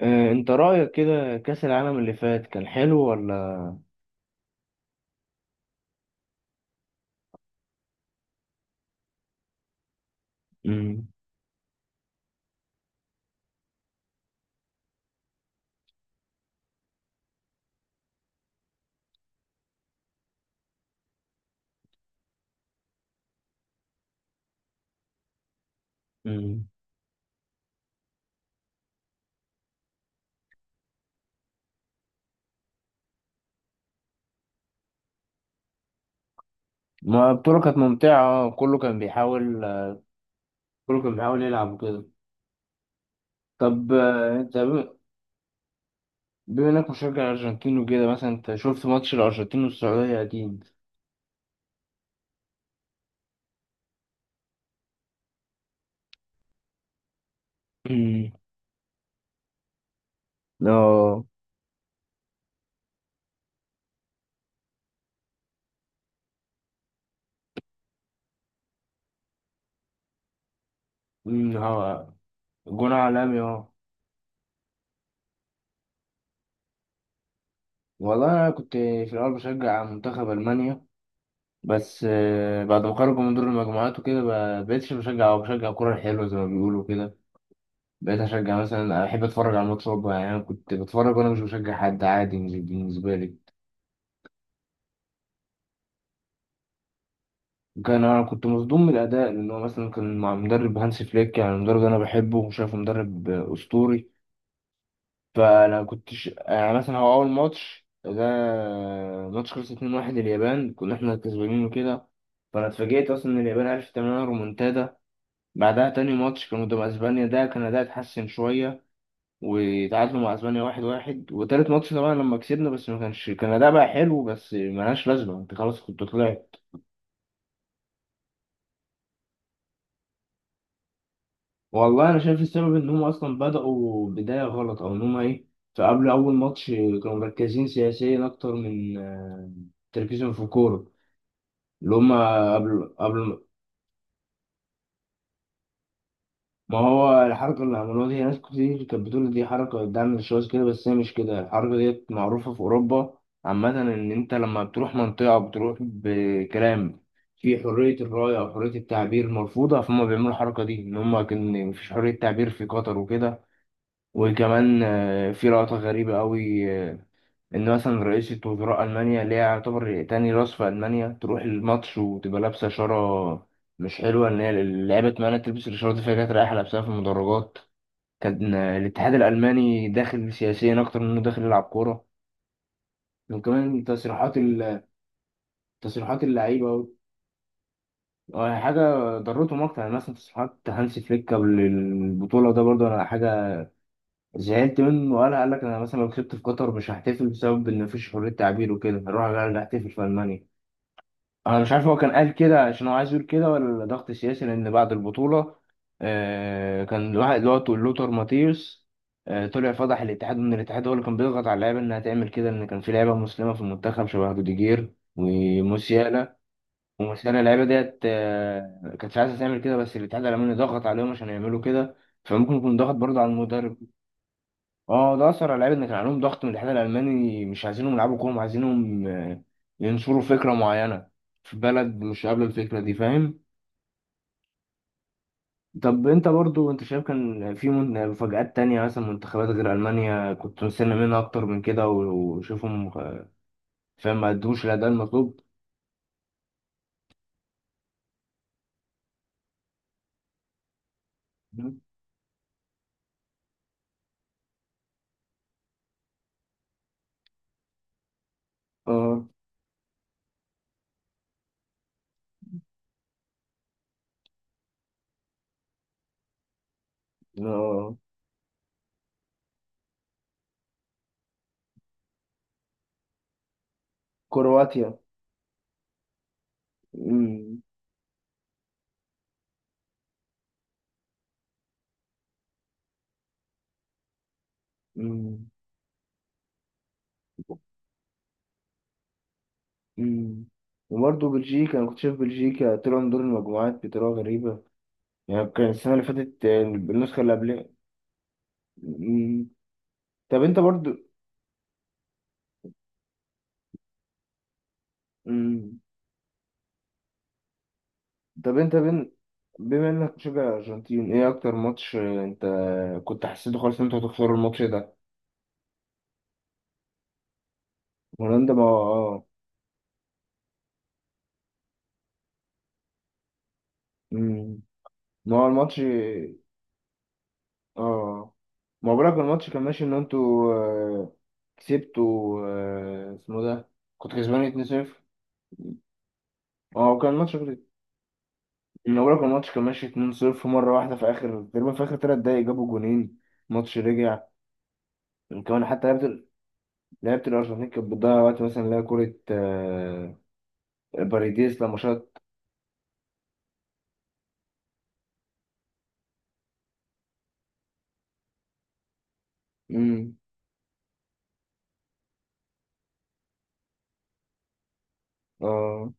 آه، انت رأيك كده كأس العالم اللي فات كان حلو ولا؟ مم. مم. ما البطولة كانت ممتعة، كله كان بيحاول. كله كان بيحاول يلعب وكده. طب انت بما انك مشجع ارجنتين وكده، مثلا انت شفت ماتش الارجنتين والسعودية اكيد؟ مم. اه. مم، اه. جون عالمي، اه. والله انا كنت في الاول بشجع منتخب المانيا. بس بعد ما خرجوا من دور المجموعات وكده، ما بقتش بشجع، او بشجع كرة حلوة زي ما بيقولوا كده. بقيت اشجع مثلا، احب اتفرج على الماتش برضه، يعني انا كنت بتفرج وانا مش بشجع حد، عادي بالنسبه لي. وكان انا كنت مصدوم من الاداء، لان هو مثلا كان مع مدرب هانس فليك، يعني مدرب انا بحبه وشايفه مدرب اسطوري. فانا كنتش يعني، مثلا هو اول ماتش ده ماتش خلص 2-1. اليابان كنا احنا كسبانين وكده، فانا اتفاجئت اصلا ان اليابان عرفت تعمل لنا رومونتادا. بعدها تاني ماتش كان قدام اسبانيا، ده كان اداء اتحسن شويه وتعادلوا مع اسبانيا 1-1. وتالت ماتش طبعا لما كسبنا، بس ما كانش، كان اداء بقى حلو، بس ملهاش لازمه، انت خلاص كنت طلعت. والله انا شايف السبب ان هم اصلا بداوا بدايه غلط او ان هم ايه. فقبل اول ماتش كانوا مركزين سياسيا اكتر من تركيزهم في الكوره، اللي هم. قبل ما هو الحركة اللي عملوها دي، ناس كتير كانت بتقول دي حركة بتدعم الشواذ كده، بس هي مش كده، الحركة ديت معروفة في أوروبا عامة، إن أنت لما بتروح منطقة بتروح بكلام في حرية الرأي أو حرية التعبير مرفوضة، فهم بيعملوا الحركة دي إن هم كان مفيش حرية تعبير في قطر وكده. وكمان في لقطة غريبة أوي، ان مثلا رئيسة وزراء المانيا اللي هي يعتبر تاني راس في المانيا تروح الماتش وتبقى لابسه شاره مش حلوه، ان هي اللعيبه مانع تلبس الشاره دي، فهي كانت رايحه لابسها في المدرجات. كان الاتحاد الالماني داخل سياسيا اكتر منه داخل يلعب كوره. وكمان تصريحات تصريحات اللعيبه حاجه ضرتهم اكتر، يعني مثلا تصريحات هانسي فليك قبل البطوله ده برضه، انا حاجه زعلت منه وقالها، قال لك انا مثلا لو كسبت في قطر مش هحتفل بسبب ان مفيش حريه تعبير وكده، هروح احتفل في المانيا. انا مش عارف هو كان قال كده عشان هو عايز يقول كده ولا ضغط سياسي، لان بعد البطوله كان الواحد اللي هو لوتر ماتيوس طلع فضح الاتحاد، ان الاتحاد هو اللي كان بيضغط على اللعيبه انها تعمل كده، ان كان في لعيبه مسلمه في المنتخب شبه روديجير وموسيالا اللعيبه ديت كانتش عايزه تعمل كده، بس الاتحاد الالماني ضغط عليهم عشان يعملوا كده. فممكن يكون ضغط برضه على المدرب. اه ده اثر على اللعيبه، ان كان عليهم ضغط من الاتحاد الالماني، مش عايزينهم يلعبوا كوره، عايزينهم ينشروا فكره معينه في بلد مش قابله الفكره دي، فاهم. طب انت برضو، انت شايف كان في مفاجآت تانية، مثلا منتخبات غير المانيا كنت مستني منها اكتر من كده وشوفهم، فاهم ما ادوش الاداء المطلوب. اه. آه، كرواتيا. مم، مم، مم. وبرضه بلجيكا انا كنت شايف بلجيكا طلعوا من دور المجموعات بطريقه غريبه. يعني كان السنة اللي فاتت النسخة اللي قبلها. مم. طب انت برضو. مم. طب انت بين، بما انك مشجع الارجنتين، ايه اكتر ماتش انت كنت حسيته خالص ان انتوا هتخسروا الماتش ده؟ هولندا، ما اه. مم. ما هو الماتش، اه. ما هو بالك الماتش كان ماشي ان انتوا كسبتوا اسمه ده، كنت كسبان 2-0. اه كان الماتش كده، ما بالك الماتش كان ماشي 2-0 مرة واحدة في اخر تقريبا، في اخر 3 دقايق جابوا جونين، الماتش رجع. كمان حتى لعبة لعبة الأرجنتين كانت بتضيع وقت، مثلا اللي هي كورة باريديس لما شاط. مم. اه.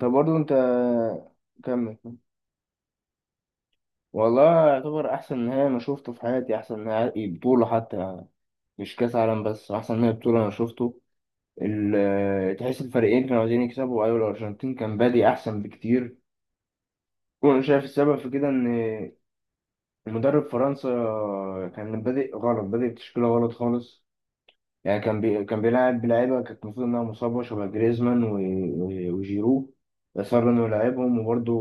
طب برضه أنت كمل. والله يعتبر أحسن نهائي أنا شفته في حياتي، أحسن نهائي بطولة حتى، يعني مش كأس عالم بس، أحسن نهائي بطولة أنا شفته. تحس الفريقين كانوا عايزين يكسبوا، أيوة الأرجنتين كان بادي أحسن بكتير. وأنا شايف السبب في كده إن مدرب فرنسا كان بادئ غلط، بادئ بتشكيلة غلط خالص. يعني كان كان بيلعب لعيبه كانت المفروض انها مصابه شبه جريزمان وجيرو اصر انه يلعبهم وبرده.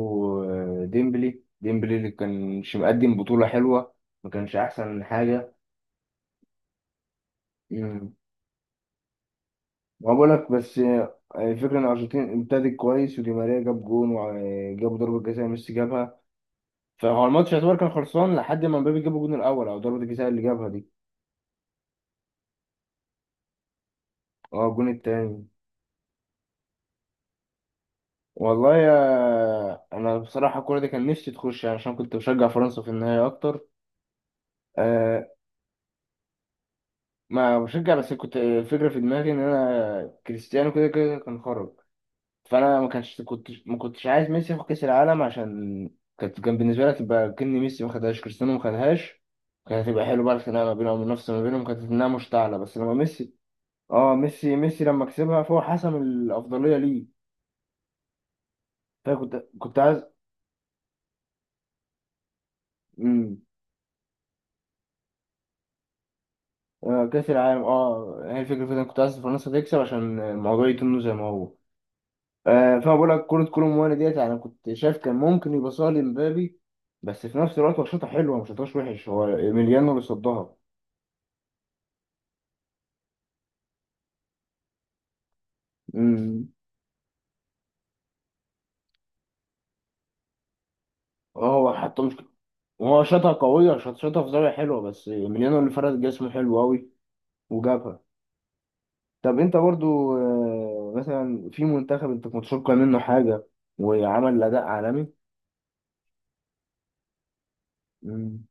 ديمبلي اللي كانش مقدم بطوله حلوه، ما كانش احسن حاجه. مم. ما بقولك بس الفكره ان الارجنتين ابتدت كويس، ودي ماريا جاب جون وجابوا ضربه جزاء ميسي جابها. فهو الماتش يعتبر كان خلصان لحد ما مبابي جاب الجون الاول، او ضربه الجزاء اللي جابها دي. اه الجون التاني. والله يا، انا بصراحه الكوره دي كان نفسي تخش، يعني عشان كنت بشجع فرنسا في النهايه اكتر. أه ما بشجع، بس كنت الفكره في دماغي ان انا كريستيانو كده كده كان خرج. فانا ما كانش كنت ما كنتش عايز ميسي ياخد كاس العالم عشان كانت، كان بالنسبه لي تبقى كأن ميسي ما خدهاش كريستيانو ما خدهاش. كانت هتبقى حلوه بقى، الخناقه ما بينهم والمنافسه ما بينهم كانت انها مشتعله، بس لما ميسي، اه، ميسي لما كسبها فهو حسم الافضليه ليه. فكنت عايز. مم. كأس العالم، اه هي الفكرة في إن أنا كنت عايز فرنسا تكسب عشان الموضوع يتم زي ما هو. فانا بقول لك، كرة كولومواني ديت يعني كنت شايف كان ممكن يبصها لمبابي. بس في نفس الوقت هو شاطها حلوة، مش شاطهاش وحش، هو إيميليانو اللي صدها. أمم. اه هو حتى مش، هو شاطها قوية، شاطها في زاوية حلوة، بس إيميليانو اللي فرد جسمه حلو أوي وجابها. طب أنت برضو، مثلا في منتخب أنت كنت متوقع منه حاجة وعمل أداء عالمي. أمم.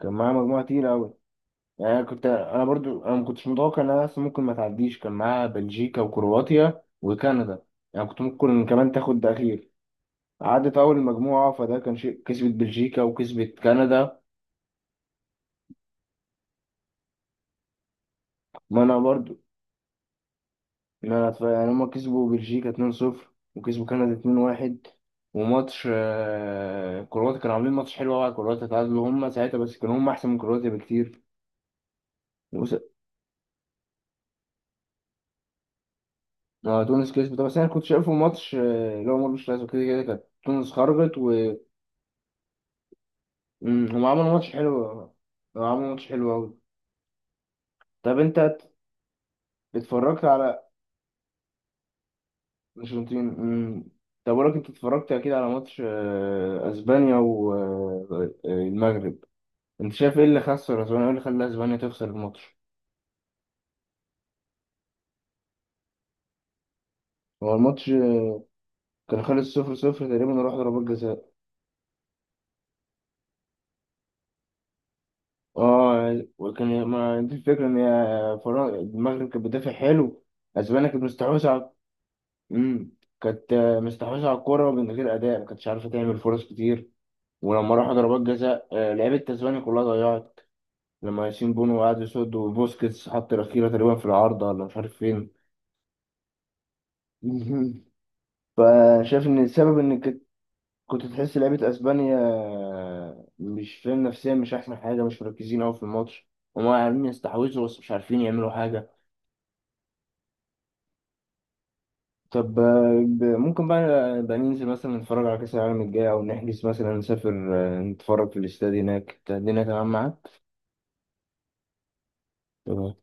كان معاه مجموعة تقيلة أوي. يعني انا كنت، انا برضو انا ما كنتش متوقع انها اصلا ممكن ما تعديش، كان معاها بلجيكا وكرواتيا وكندا. يعني كنت ممكن كمان تاخد ده اخير. عدت اول مجموعه فده كان شيء، كسبت بلجيكا وكسبت كندا. ما انا برضو، ما انا يعني هما كسبوا بلجيكا 2-0 وكسبوا كندا 2-1. وماتش كرواتيا كانوا عاملين ماتش حلو قوي، كرواتيا تعادلوا هما ساعتها، بس كانوا هما احسن من كرواتيا بكتير. وس- تونس كسبت، بس انا كنت شايفه ماتش اللي هو ملوش لازمه، كده كده كانت تونس خرجت. هم عملوا ماتش حلو. هم عملوا ماتش حلو أوي. طب أنت اتفرجت على أرجنتين. طب أقولك، أنت اتفرجت أكيد على ماتش أسبانيا والمغرب. أنت شايف إيه اللي خسر أسبانيا، إيه اللي خلى أسبانيا تخسر الماتش؟ هو الماتش كان خلص 0-0 تقريبا، وراح ضربات جزاء. اه وكان ما دي الفكرة ان هي المغرب كانت بتدافع حلو. اسبانيا كانت مستحوذة على، امم كانت مستحوذة على الكورة من غير اداء، ما كانتش عارفة تعمل فرص كتير. ولما راحوا ضربات جزاء لعيبة تسبانيا كلها ضيعت. لما ياسين بونو قعد يصد، وبوسكيتس حط الأخيرة تقريبا في العارضة، ولا مش عارف فين. فشايف إن السبب إن كنت تحس لعيبة أسبانيا مش فاهم نفسيا، مش أحسن حاجة، مش مركزين أوي في الماتش. هما عارفين يستحوذوا، بس مش عارفين يعملوا حاجة. طب ممكن بقى ننزل مثلا نتفرج على كأس العالم الجاي، أو نحجز مثلا نسافر نتفرج في الاستاد هناك، الدنيا تمام معاك؟ تمام.